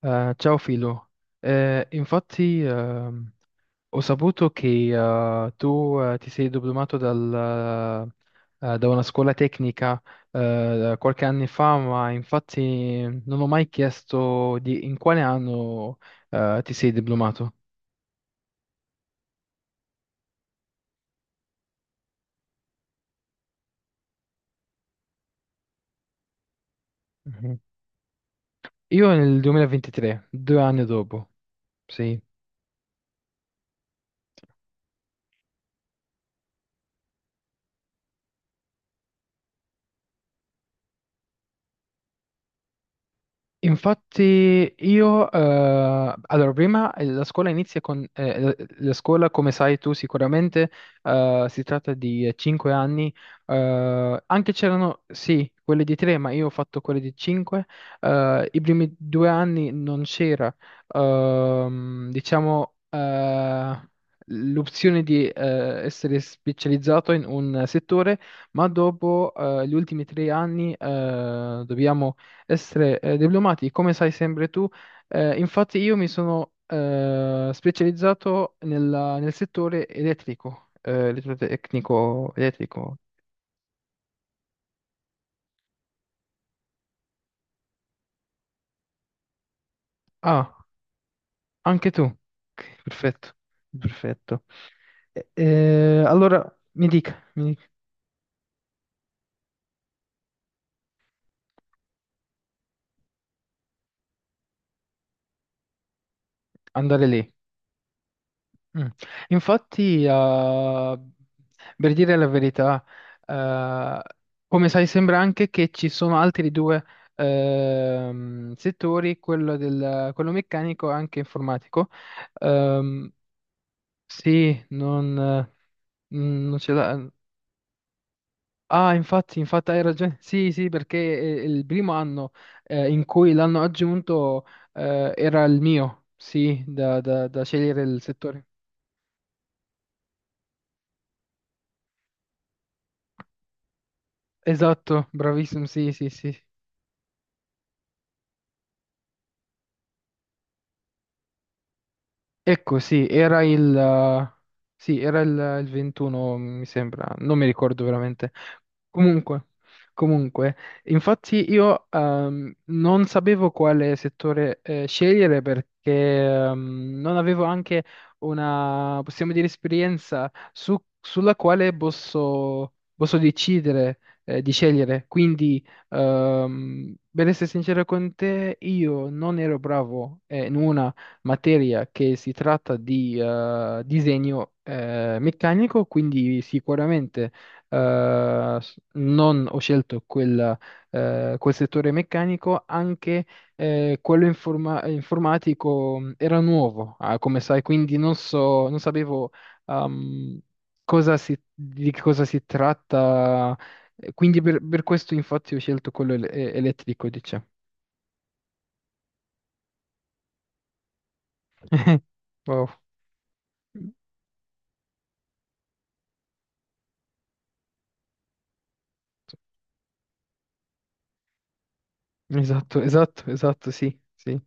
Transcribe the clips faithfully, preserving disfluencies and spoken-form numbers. Eh, ciao Filo. Eh, infatti ehm, ho saputo che eh, tu eh, ti sei diplomato dal, eh, da una scuola tecnica eh, qualche anno fa, ma infatti non ho mai chiesto di in quale anno eh, ti sei diplomato. Mhm. Io nel duemilaventitré, due anni dopo, sì. Infatti io, eh, allora prima eh, la scuola inizia con, eh, la la scuola come sai tu sicuramente, eh, si tratta di 5 anni, eh, anche c'erano sì quelle di tre, ma io ho fatto quelle di cinque. I primi due anni non c'era, ehm, diciamo, eh, l'opzione di eh, essere specializzato in un settore, ma dopo eh, gli ultimi tre anni eh, dobbiamo essere eh, diplomati, come sai sempre tu. eh, infatti io mi sono eh, specializzato nella- nel settore elettrico, eh, elettrotecnico, elettrico. Ah, anche tu. Ok. Perfetto, perfetto. Eh, eh, allora mi dica, mi dica, andare lì. Mm. Infatti, eh, per dire la verità, eh, come sai, sembra anche che ci sono altri due ehm, settori, quello, del, quello meccanico e anche informatico. Ehm, sì, non, eh, mm, non ce l'ha. Ah, infatti, infatti hai ragione. Sì, sì, perché è- è il primo anno eh, in cui l'hanno aggiunto. eh, era il mio, sì, da da- da scegliere il settore. Esatto, bravissimo, sì, sì, sì. Ecco, sì, era il, eh, sì, era il, il ventuno, mi sembra, non mi ricordo veramente. Comunque, comunque, infatti io ehm, non sapevo quale settore eh, scegliere, perché ehm, non avevo anche una, possiamo dire, esperienza su- sulla quale posso, posso decidere eh, di scegliere. Quindi, ehm, per essere sincero con te, io non ero bravo eh, in una materia che si tratta di eh, disegno eh, meccanico, quindi sicuramente eh, s- non ho scelto quel, eh, quel settore meccanico. Anche eh, quello informa- informatico mh, era nuovo, ah, come sai, quindi non so, non sapevo ehm, cosa si- di che cosa si tratta. eh, quindi per, per questo infatti ho scelto quello ele- eh, elettrico, diciamo. Wow. Esatto, esatto, esatto, sì, sì.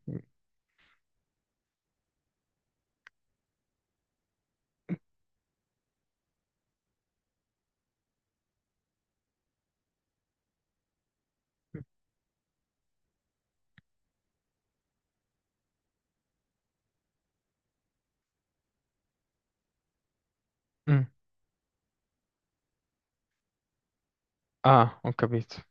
Mm. Ah, ho capito.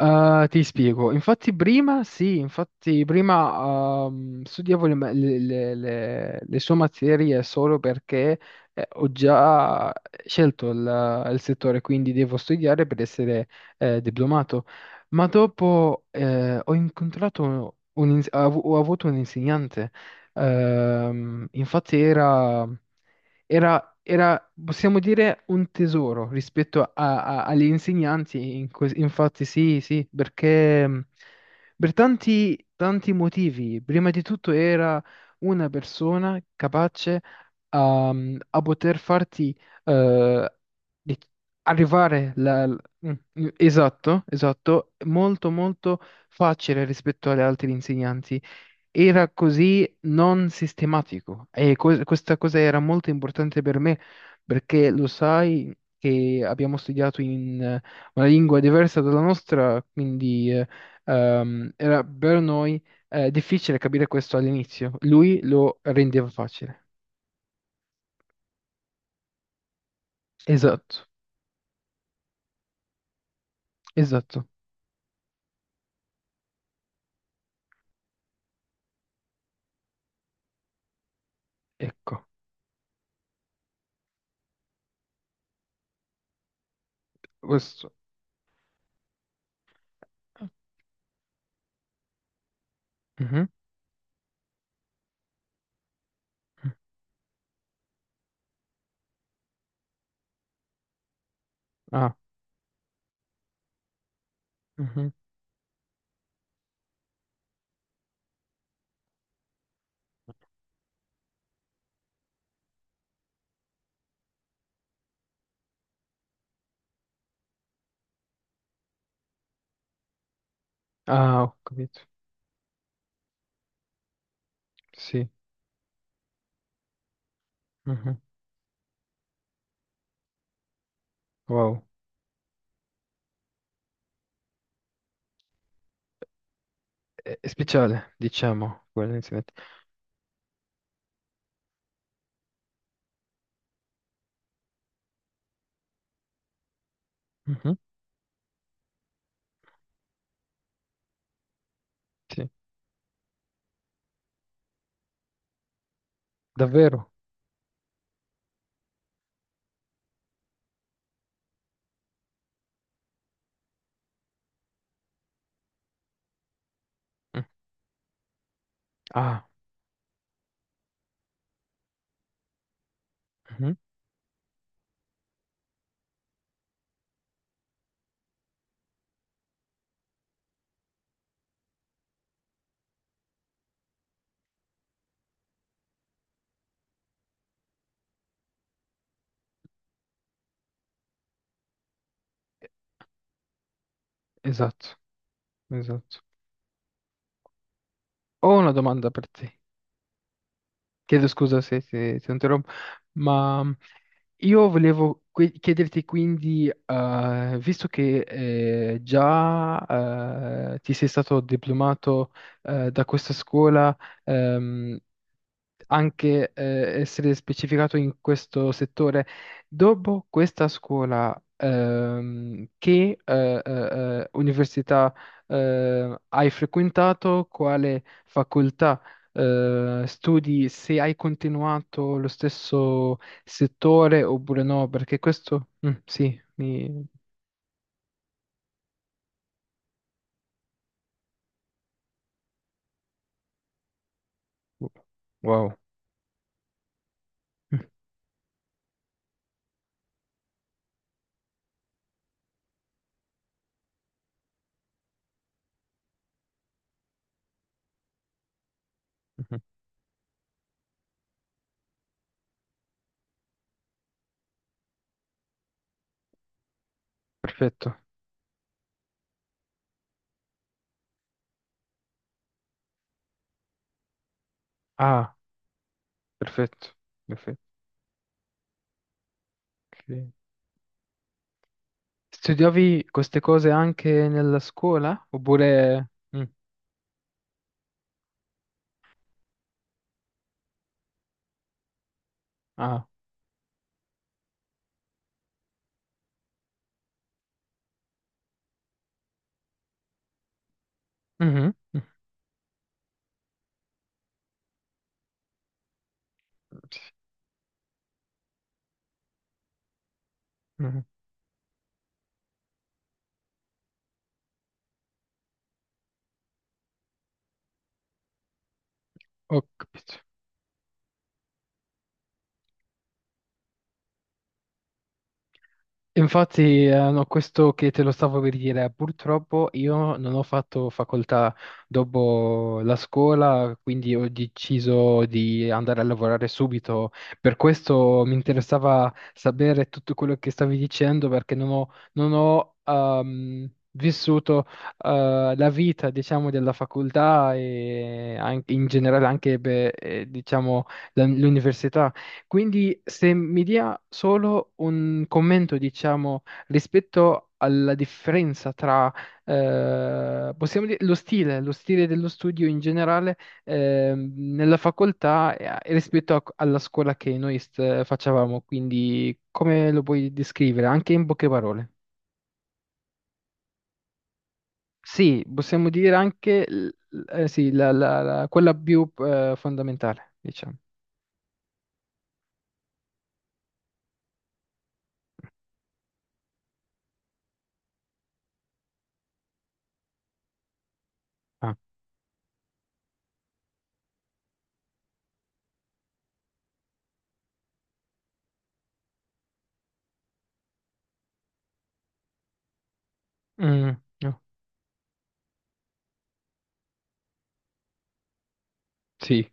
Ah, ti spiego. Infatti prima, sì, infatti prima ehm, studiavo le, ma- le- le- le- le sue materie solo perché eh, ho già scelto il, il settore, quindi devo studiare per essere eh, diplomato. Ma dopo eh, ho incontrato, un, ins- ho avu- ho avuto un insegnante. ehm, infatti era era, era, possiamo dire, un tesoro rispetto a- a- agli insegnanti, in que- infatti sì, sì, perché mh, per tanti, tanti motivi. Prima di tutto era una persona capace a, a poter farti, eh, di- arrivare la- l- mm, mm, esatto, esatto, molto molto facile rispetto agli altri insegnanti. Era così non sistematico, e que- questa cosa era molto importante per me, perché lo sai che abbiamo studiato in eh, una lingua diversa dalla nostra, quindi eh, ehm, era per noi eh, difficile capire questo all'inizio. Lui lo rendeva facile. Esatto, esatto. Ecco, questo. Mhm. Ah, mhm. Ah, ho capito. Sì. Mhm. Wow. È è speciale, diciamo, quello. Sì, davvero? Mm. Ah, mhm. Esatto, esatto. Ho una domanda per te. Chiedo scusa se ti ti interrompo, ma io volevo que- chiederti, quindi, eh, visto che eh, già eh, ti sei stato diplomato eh, da questa scuola, ehm, anche eh, essere specificato in questo settore. Dopo questa scuola, ehm, che eh, eh, eh, università eh, hai frequentato, quale facoltà eh, studi, se hai continuato lo stesso settore oppure no? Perché questo, mm, sì, mi... Wow. Mm, mhm. Perfetto. Ah, perfetto. Perfetto. Ok. Studiavi queste cose anche nella scuola? Oppure... Mm. Ah. Mhm. Mm. Sì. Mhm. Ho capito. Infatti, eh, no, questo che te lo stavo per dire: purtroppo io non ho fatto facoltà dopo la scuola, quindi ho deciso di andare a lavorare subito. Per questo mi interessava sapere tutto quello che stavi dicendo, perché non ho, non ho, ehm, vissuto, eh, la vita, diciamo, della facoltà, e anche in generale anche, beh, eh, diciamo, la- l'università. Quindi se mi dia solo un commento, diciamo, rispetto alla differenza tra, eh, possiamo dire, lo stile, lo stile dello studio in generale, ehm, nella facoltà e e rispetto a- alla scuola che noi st- facevamo, quindi come lo puoi descrivere, anche in poche parole? Sì, possiamo dire anche, l- l- eh, sì, la- la- la- quella più, eh, fondamentale, diciamo. Ah. Mm, no. Sì,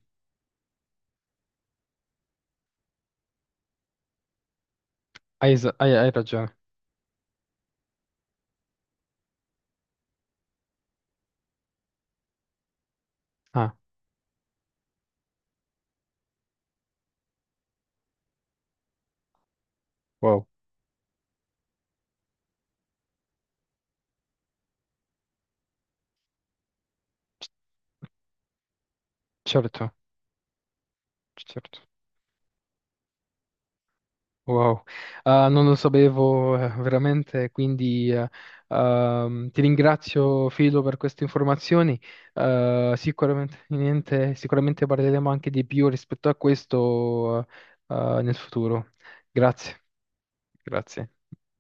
hai, es- hai- hai ragione. Wow. c- certo, certo. Wow. Ah, non lo sapevo eh, veramente, quindi eh, ehm, ti ringrazio, Filo, per queste informazioni. Eh, sicuramente, niente- sicuramente parleremo anche di più rispetto a questo eh, eh, nel futuro. Grazie, grazie.